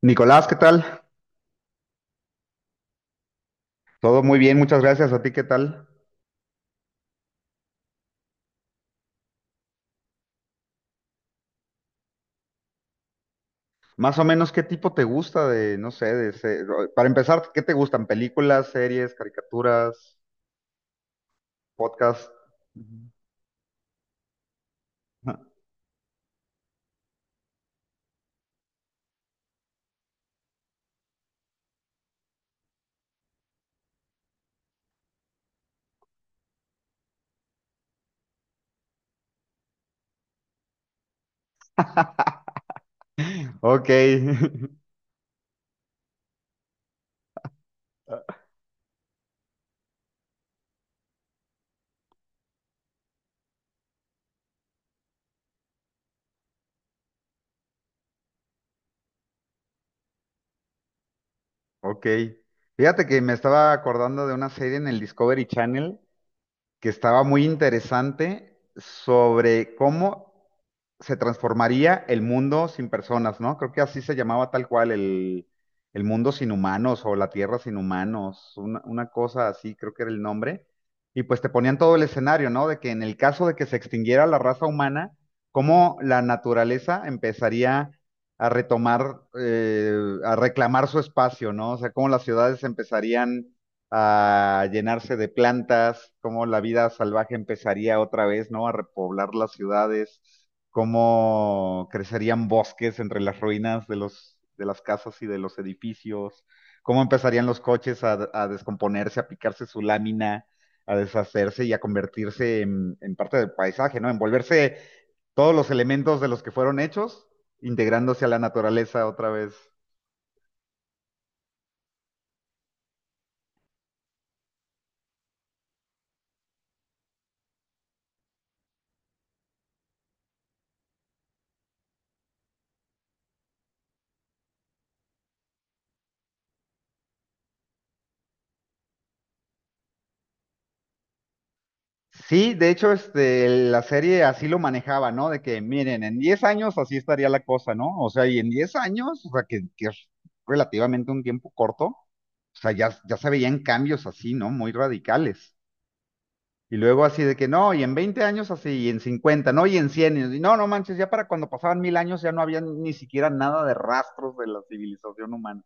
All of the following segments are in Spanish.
Nicolás, ¿qué tal? Todo muy bien, muchas gracias. ¿A ti qué tal? Más o menos, ¿qué tipo te gusta de, no sé, para empezar, ¿qué te gustan? ¿Películas, series, caricaturas, podcast? Ujú. Ok. Ok. Fíjate que me estaba acordando de una serie en el Discovery Channel que estaba muy interesante sobre cómo se transformaría el mundo sin personas, ¿no? Creo que así se llamaba tal cual el mundo sin humanos o la tierra sin humanos, una cosa así, creo que era el nombre. Y pues te ponían todo el escenario, ¿no? De que en el caso de que se extinguiera la raza humana, cómo la naturaleza empezaría a retomar, a reclamar su espacio, ¿no? O sea, cómo las ciudades empezarían a llenarse de plantas, cómo la vida salvaje empezaría otra vez, ¿no? A repoblar las ciudades, cómo crecerían bosques entre las ruinas de de las casas y de los edificios, cómo empezarían los coches a descomponerse, a picarse su lámina, a deshacerse y a convertirse en parte del paisaje, ¿no? Envolverse todos los elementos de los que fueron hechos, integrándose a la naturaleza otra vez. Sí, de hecho, este, la serie así lo manejaba, ¿no? De que, miren, en 10 años así estaría la cosa, ¿no? O sea, y en 10 años, o sea, que es relativamente un tiempo corto, o sea, ya, ya se veían cambios así, ¿no? Muy radicales. Y luego así de que, no, y en 20 años así, y en 50, ¿no? Y en 100 y no, no manches, ya para cuando pasaban 1000 años ya no había ni siquiera nada de rastros de la civilización humana.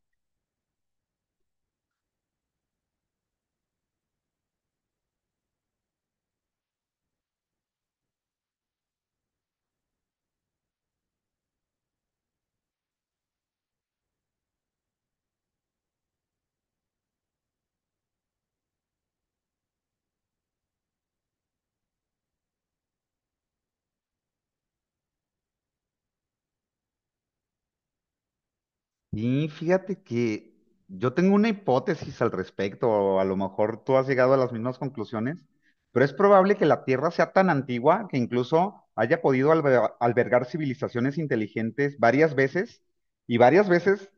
Y fíjate que yo tengo una hipótesis al respecto, o a lo mejor tú has llegado a las mismas conclusiones, pero es probable que la Tierra sea tan antigua que incluso haya podido albergar civilizaciones inteligentes varias veces y varias veces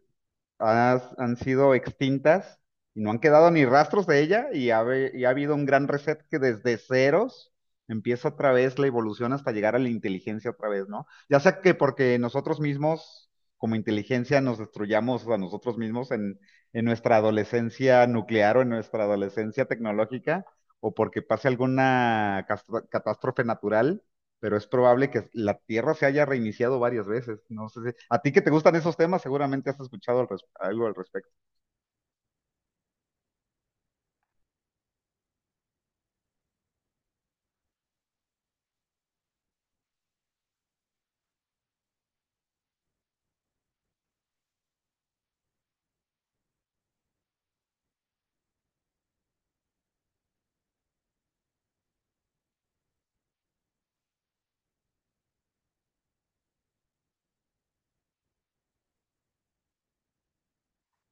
han sido extintas y no han quedado ni rastros de ella y ha habido un gran reset que desde ceros empieza otra vez la evolución hasta llegar a la inteligencia otra vez, ¿no? Ya sea que porque nosotros mismos, como inteligencia, nos destruyamos a nosotros mismos en nuestra adolescencia nuclear o en nuestra adolescencia tecnológica, o porque pase alguna catástrofe natural, pero es probable que la Tierra se haya reiniciado varias veces. No sé, a ti que te gustan esos temas, seguramente has escuchado algo al respecto.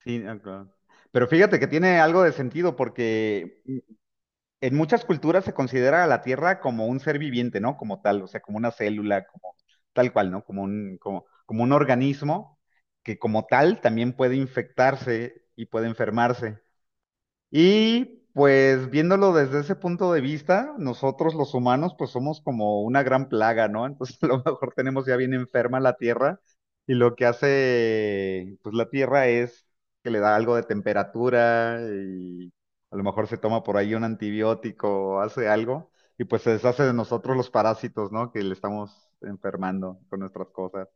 Sí, ah, claro. Pero fíjate que tiene algo de sentido porque, en muchas culturas se considera a la Tierra como un ser viviente, ¿no? Como tal, o sea, como una célula, como tal cual, ¿no? Como un, como, como un organismo que como tal también puede infectarse y puede enfermarse. Y pues viéndolo desde ese punto de vista, nosotros los humanos pues somos como una gran plaga, ¿no? Entonces a lo mejor tenemos ya bien enferma la Tierra y lo que hace pues la Tierra es que le da algo de temperatura y a lo mejor se toma por ahí un antibiótico o hace algo y pues se deshace de nosotros los parásitos, ¿no? Que le estamos enfermando con nuestras cosas.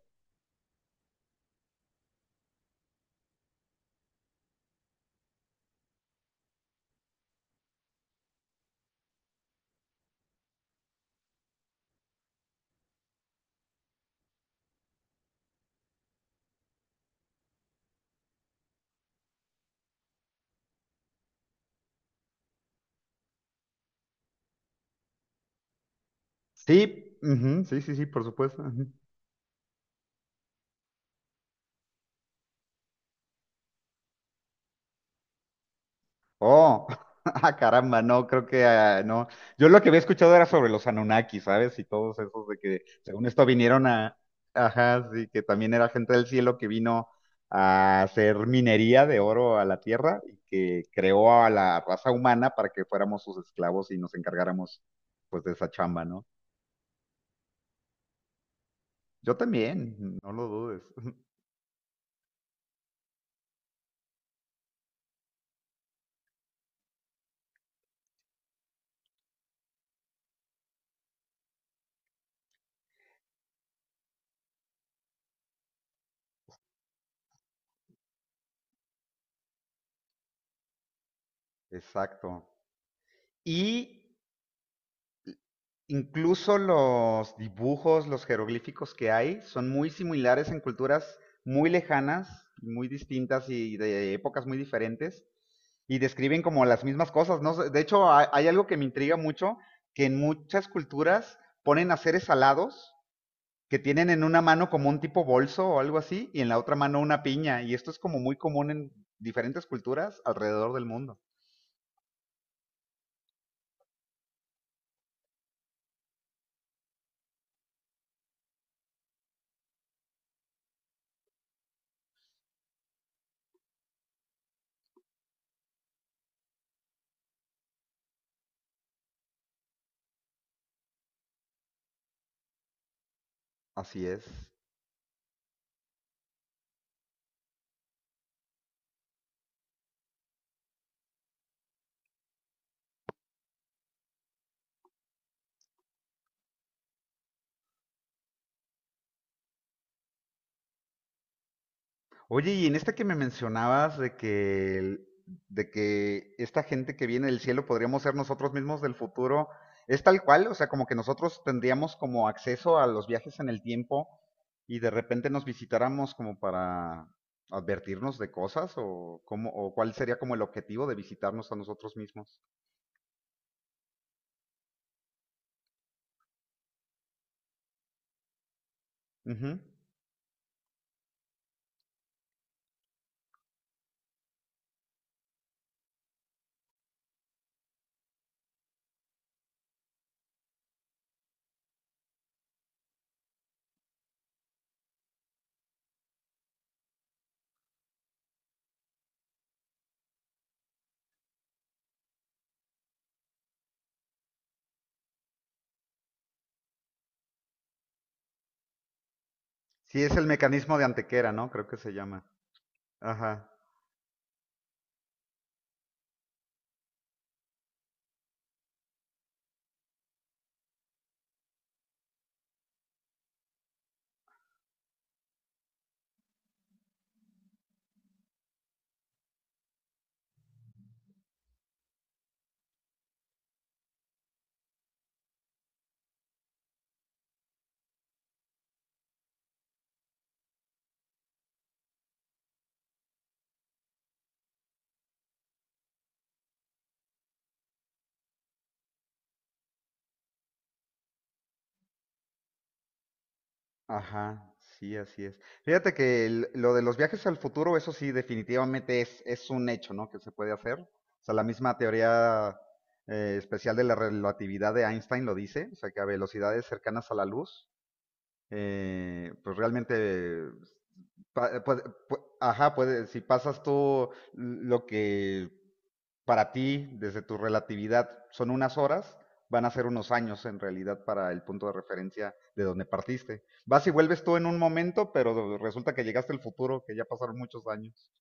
Sí, ujú, sí, sí, sí, por supuesto. Oh, ah, caramba, no, creo que no. Yo lo que había escuchado era sobre los Anunnaki, ¿sabes? Y todos esos de que, según esto, vinieron a, ajá, sí, que también era gente del cielo que vino a hacer minería de oro a la tierra y que creó a la raza humana para que fuéramos sus esclavos y nos encargáramos, pues, de esa chamba, ¿no? Yo también, no lo dudes. Exacto. Y incluso los dibujos, los jeroglíficos que hay, son muy similares en culturas muy lejanas, muy distintas y de épocas muy diferentes, y describen como las mismas cosas, ¿no? De hecho, hay algo que me intriga mucho, que en muchas culturas ponen a seres alados que tienen en una mano como un tipo bolso o algo así, y en la otra mano una piña, y esto es como muy común en diferentes culturas alrededor del mundo. Así es. Oye, y en esta que me mencionabas de que, de que esta gente que viene del cielo podríamos ser nosotros mismos del futuro, ¿es tal cual? O sea, como que nosotros tendríamos como acceso a los viajes en el tiempo y de repente nos visitáramos como para advertirnos de cosas o cómo, o cuál sería como el objetivo de visitarnos a nosotros mismos. Ujú. Sí, es el mecanismo de Antequera, ¿no? Creo que se llama. Ajá. Ajá, sí, así es. Fíjate que lo de los viajes al futuro, eso sí, definitivamente es un hecho, ¿no? Que se puede hacer. O sea, la misma teoría, especial de la relatividad de Einstein lo dice, o sea, que a velocidades cercanas a la luz, pues realmente, pa- puede- ajá, puede, si pasas tú lo que para ti, desde tu relatividad, son unas horas, van a ser unos años en realidad para el punto de referencia de donde partiste. Vas y vuelves tú en un momento, pero resulta que llegaste al futuro, que ya pasaron muchos años.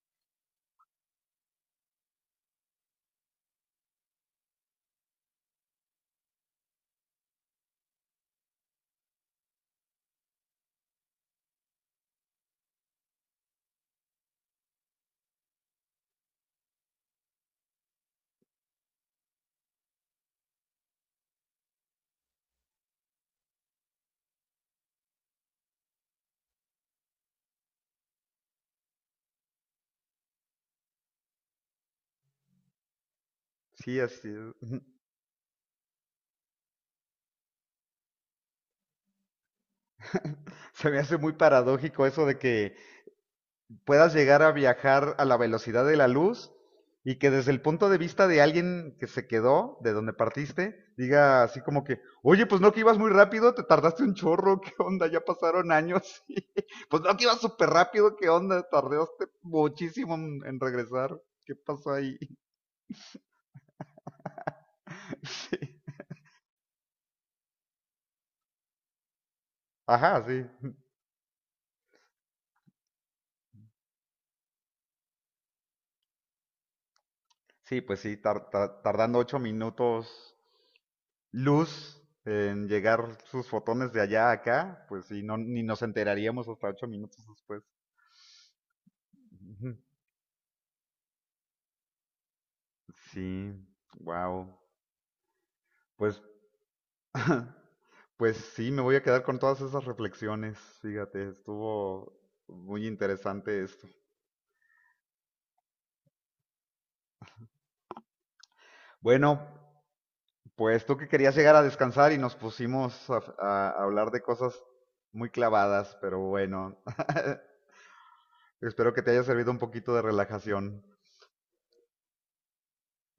Sí, así es. Se me hace muy paradójico eso de que puedas llegar a viajar a la velocidad de la luz y que desde el punto de vista de alguien que se quedó, de donde partiste, diga así como que, oye, pues no que ibas muy rápido, te tardaste un chorro, ¿qué onda? Ya pasaron años. Pues no que ibas súper rápido, ¿qué onda? Tardaste muchísimo en regresar. ¿Qué pasó ahí? Sí. Ajá, sí. Sí, pues sí, tardando 8 minutos luz en llegar sus fotones de allá a acá, pues sí, no, ni nos enteraríamos hasta 8 minutos después. Ujú. Sí, wow. Pues, pues sí, me voy a quedar con todas esas reflexiones. Fíjate, estuvo muy interesante esto. Bueno, pues tú que querías llegar a descansar y nos pusimos a hablar de cosas muy clavadas, pero bueno. Espero que te haya servido un poquito de relajación.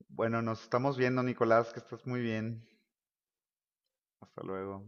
Bueno, nos estamos viendo, Nicolás, que estás muy bien. Hasta luego.